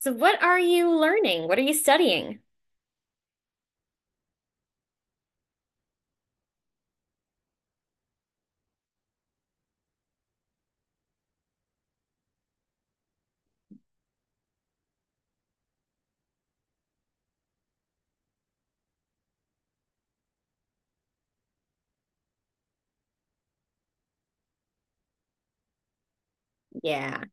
So what are you learning? What are you studying? Yeah.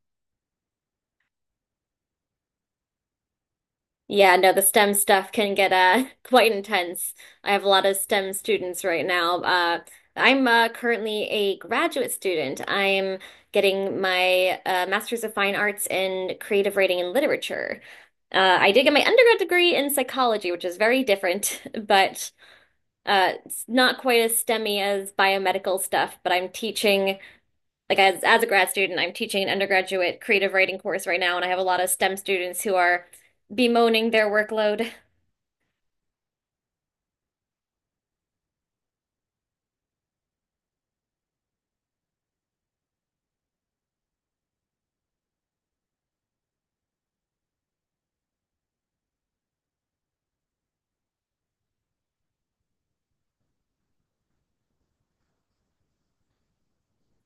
Yeah, no, the STEM stuff can get quite intense. I have a lot of STEM students right now. I'm currently a graduate student. I'm getting my Master's of Fine Arts in Creative Writing and Literature. I did get my undergrad degree in psychology, which is very different, but it's not quite as STEMmy as biomedical stuff. But I'm teaching. Like as a grad student, I'm teaching an undergraduate creative writing course right now, and I have a lot of STEM students who are bemoaning their workload.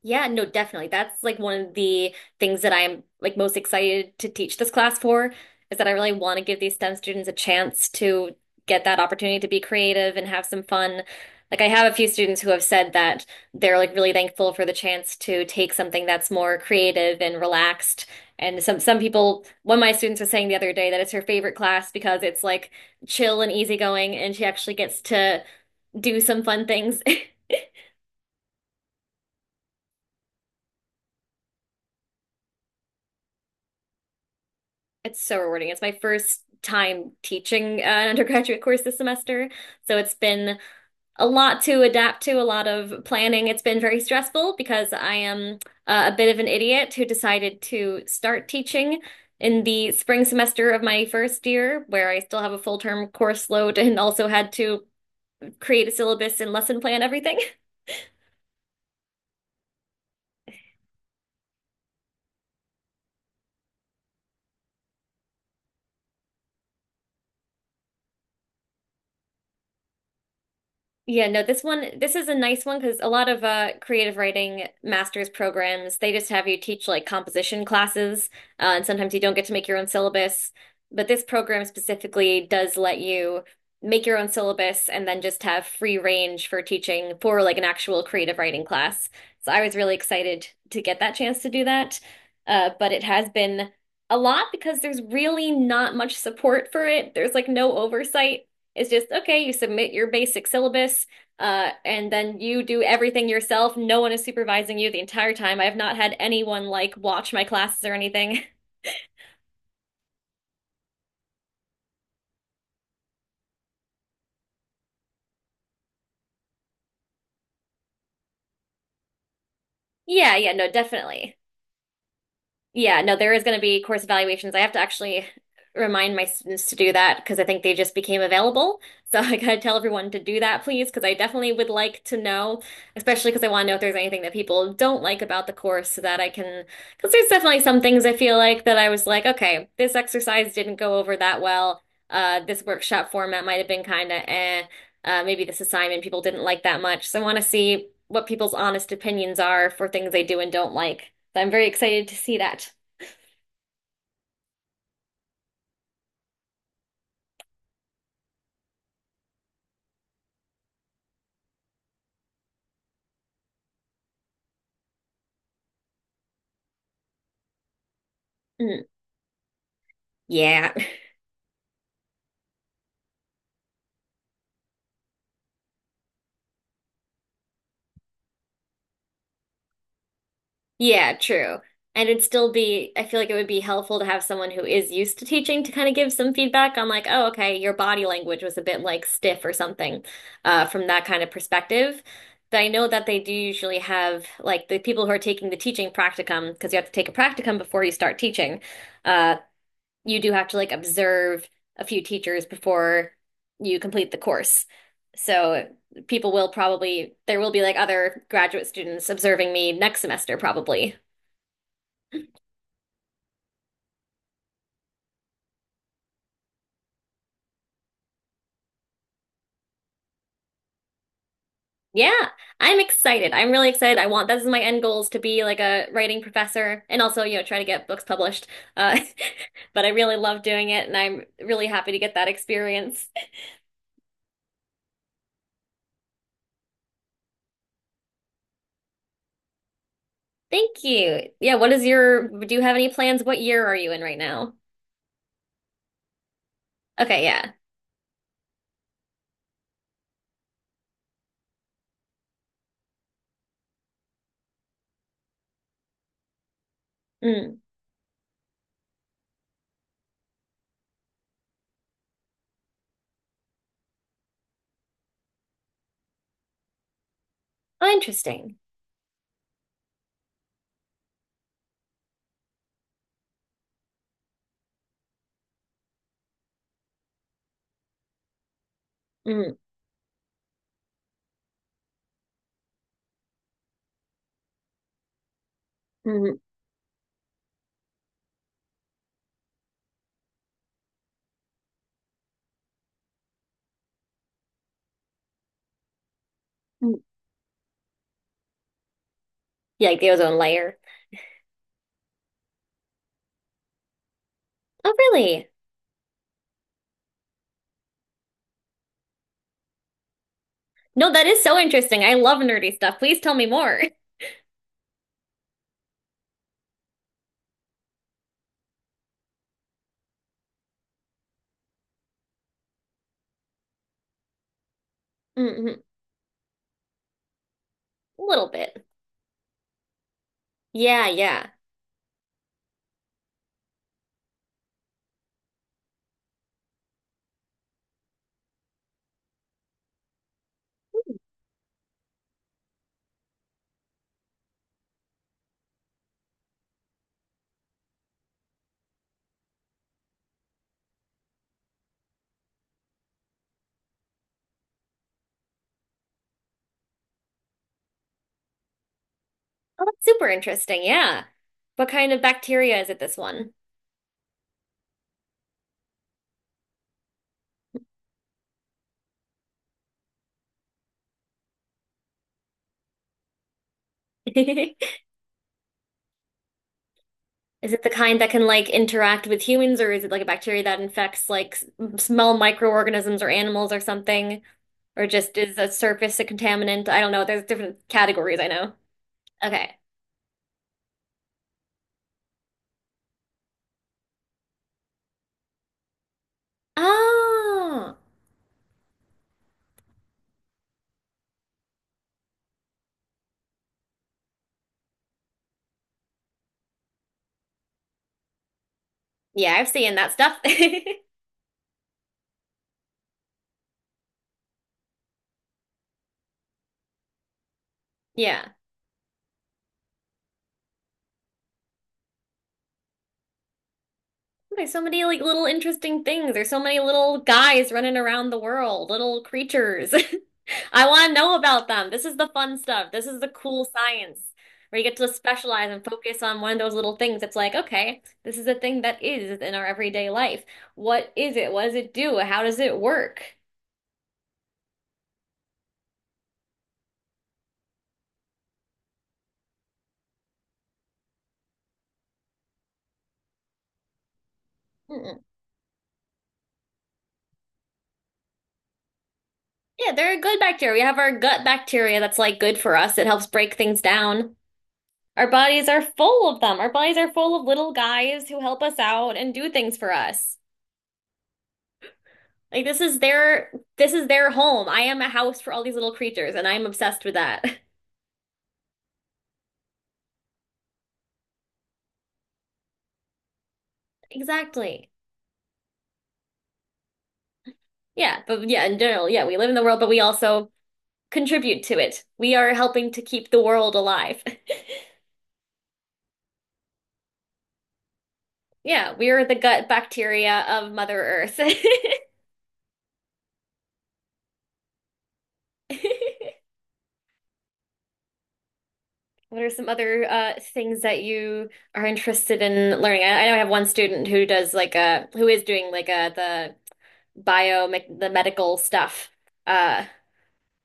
Yeah, no, definitely. That's like one of the things that I'm like most excited to teach this class for is that I really want to give these STEM students a chance to get that opportunity to be creative and have some fun. Like I have a few students who have said that they're like really thankful for the chance to take something that's more creative and relaxed. And some people, one of my students was saying the other day that it's her favorite class because it's like chill and easygoing and she actually gets to do some fun things. It's so rewarding. It's my first time teaching an undergraduate course this semester. So it's been a lot to adapt to, a lot of planning. It's been very stressful because I am a bit of an idiot who decided to start teaching in the spring semester of my first year, where I still have a full-term course load and also had to create a syllabus and lesson plan everything. Yeah, no, this one, this is a nice one because a lot of creative writing master's programs, they just have you teach like composition classes, and sometimes you don't get to make your own syllabus. But this program specifically does let you make your own syllabus and then just have free range for teaching for like an actual creative writing class. So I was really excited to get that chance to do that. But it has been a lot because there's really not much support for it. There's like no oversight. It's just, okay, you submit your basic syllabus, and then you do everything yourself. No one is supervising you the entire time. I have not had anyone like watch my classes or anything. Yeah, yeah, no, definitely. Yeah, no, there is going to be course evaluations. I have to actually remind my students to do that because I think they just became available. So I gotta tell everyone to do that, please, because I definitely would like to know, especially because I want to know if there's anything that people don't like about the course so that I can, because there's definitely some things I feel like that I was like, okay, this exercise didn't go over that well. This workshop format might have been kind of eh. Maybe this assignment people didn't like that much. So I want to see what people's honest opinions are for things they do and don't like. So I'm very excited to see that. Mm, yeah, yeah, true. And it'd still be, I feel like it would be helpful to have someone who is used to teaching to kind of give some feedback on like, oh, okay, your body language was a bit like stiff or something, from that kind of perspective. But I know that they do usually have like the people who are taking the teaching practicum, because you have to take a practicum before you start teaching. Uh, you do have to like observe a few teachers before you complete the course. So people will probably, there will be like other graduate students observing me next semester probably. Yeah, I'm excited. I'm really excited. I want, this is my end goals to be like a writing professor and also, you know, try to get books published. Uh, but I really love doing it and I'm really happy to get that experience. Thank you. Yeah, what is your, do you have any plans? What year are you in right now? Okay, yeah. Mm. Oh, interesting. Mm. Mm, mm. Yeah, like the ozone layer. Oh, really? No, that is so interesting. I love nerdy stuff. Please tell me more. Mm-hmm. A little bit. Yeah, yeah. Oh, that's super interesting. Yeah. What kind of bacteria is it, this one? Is it the kind that can like interact with humans, or is it like a bacteria that infects like small microorganisms or animals or something, or just is a surface a contaminant? I don't know. There's different categories I know. Okay. Oh, yeah, I've seen that stuff. Yeah. There's so many like little interesting things. There's so many little guys running around the world, little creatures. I want to know about them. This is the fun stuff. This is the cool science where you get to specialize and focus on one of those little things. It's like, okay, this is a thing that is in our everyday life. What is it? What does it do? How does it work? Mm-mm. Yeah, there are good bacteria. We have our gut bacteria that's like good for us. It helps break things down. Our bodies are full of them. Our bodies are full of little guys who help us out and do things for us. Like this is their home. I am a house for all these little creatures, and I'm obsessed with that. Exactly. Yeah, but yeah, in general, yeah, we live in the world, but we also contribute to it. We are helping to keep the world alive. Yeah, we are the gut bacteria of Mother Earth. What are some other things that you are interested in learning? I know I have one student who does like a who is doing like a the bio like, the medical stuff. Uh,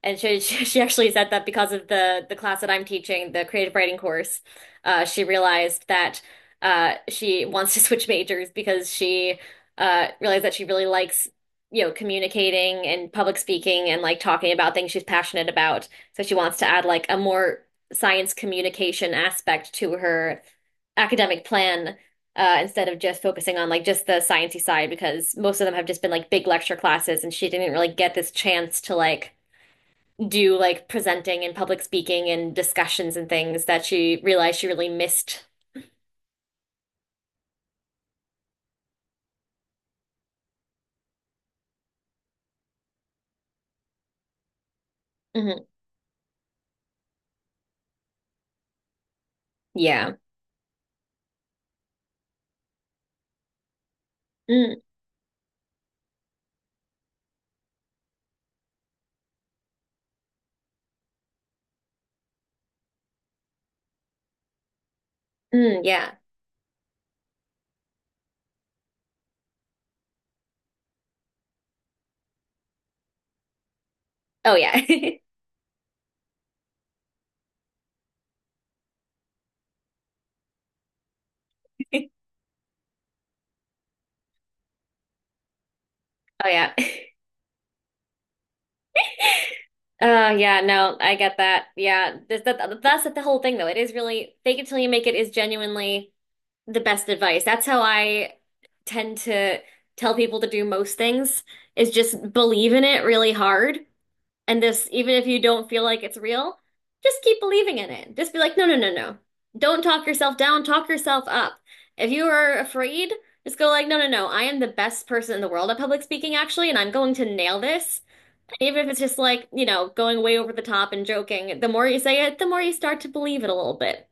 And she she actually said that because of the class that I'm teaching, the creative writing course, she realized that she wants to switch majors because she realized that she really likes, you know, communicating and public speaking and like talking about things she's passionate about. So she wants to add like a more science communication aspect to her academic plan, instead of just focusing on like just the sciencey side because most of them have just been like big lecture classes and she didn't really get this chance to like do like presenting and public speaking and discussions and things that she realized she really missed. Hmm. Yeah. Mm. Mm, yeah. Oh, yeah. Oh, yeah. Oh, yeah. No, I get that. Yeah. That's the whole thing, though. It is really fake it till you make it is genuinely the best advice. That's how I tend to tell people to do most things is just believe in it really hard. And this, even if you don't feel like it's real, just keep believing in it. Just be like, no, no, no, no. Don't talk yourself down, talk yourself up. If you are afraid, just go like, no, no, no. I am the best person in the world at public speaking, actually, and I'm going to nail this. And even if it's just like, you know, going way over the top and joking, the more you say it, the more you start to believe it a little bit.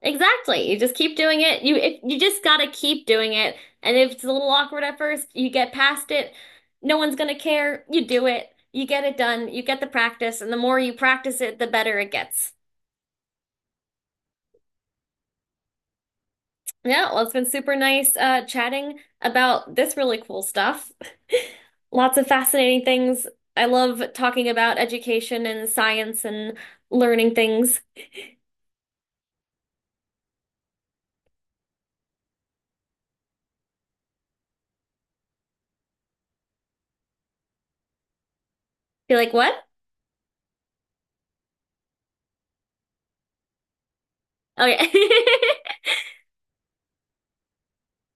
Exactly. You just keep doing it. You if you just gotta keep doing it. And if it's a little awkward at first, you get past it. No one's gonna care. You do it. You get it done. You get the practice, and the more you practice it, the better it gets. Yeah, well, it's been super nice chatting about this really cool stuff. Lots of fascinating things. I love talking about education and science and learning things. You're like, what? Oh yeah.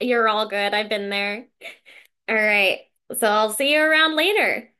You're all good. I've been there. All right. So I'll see you around later.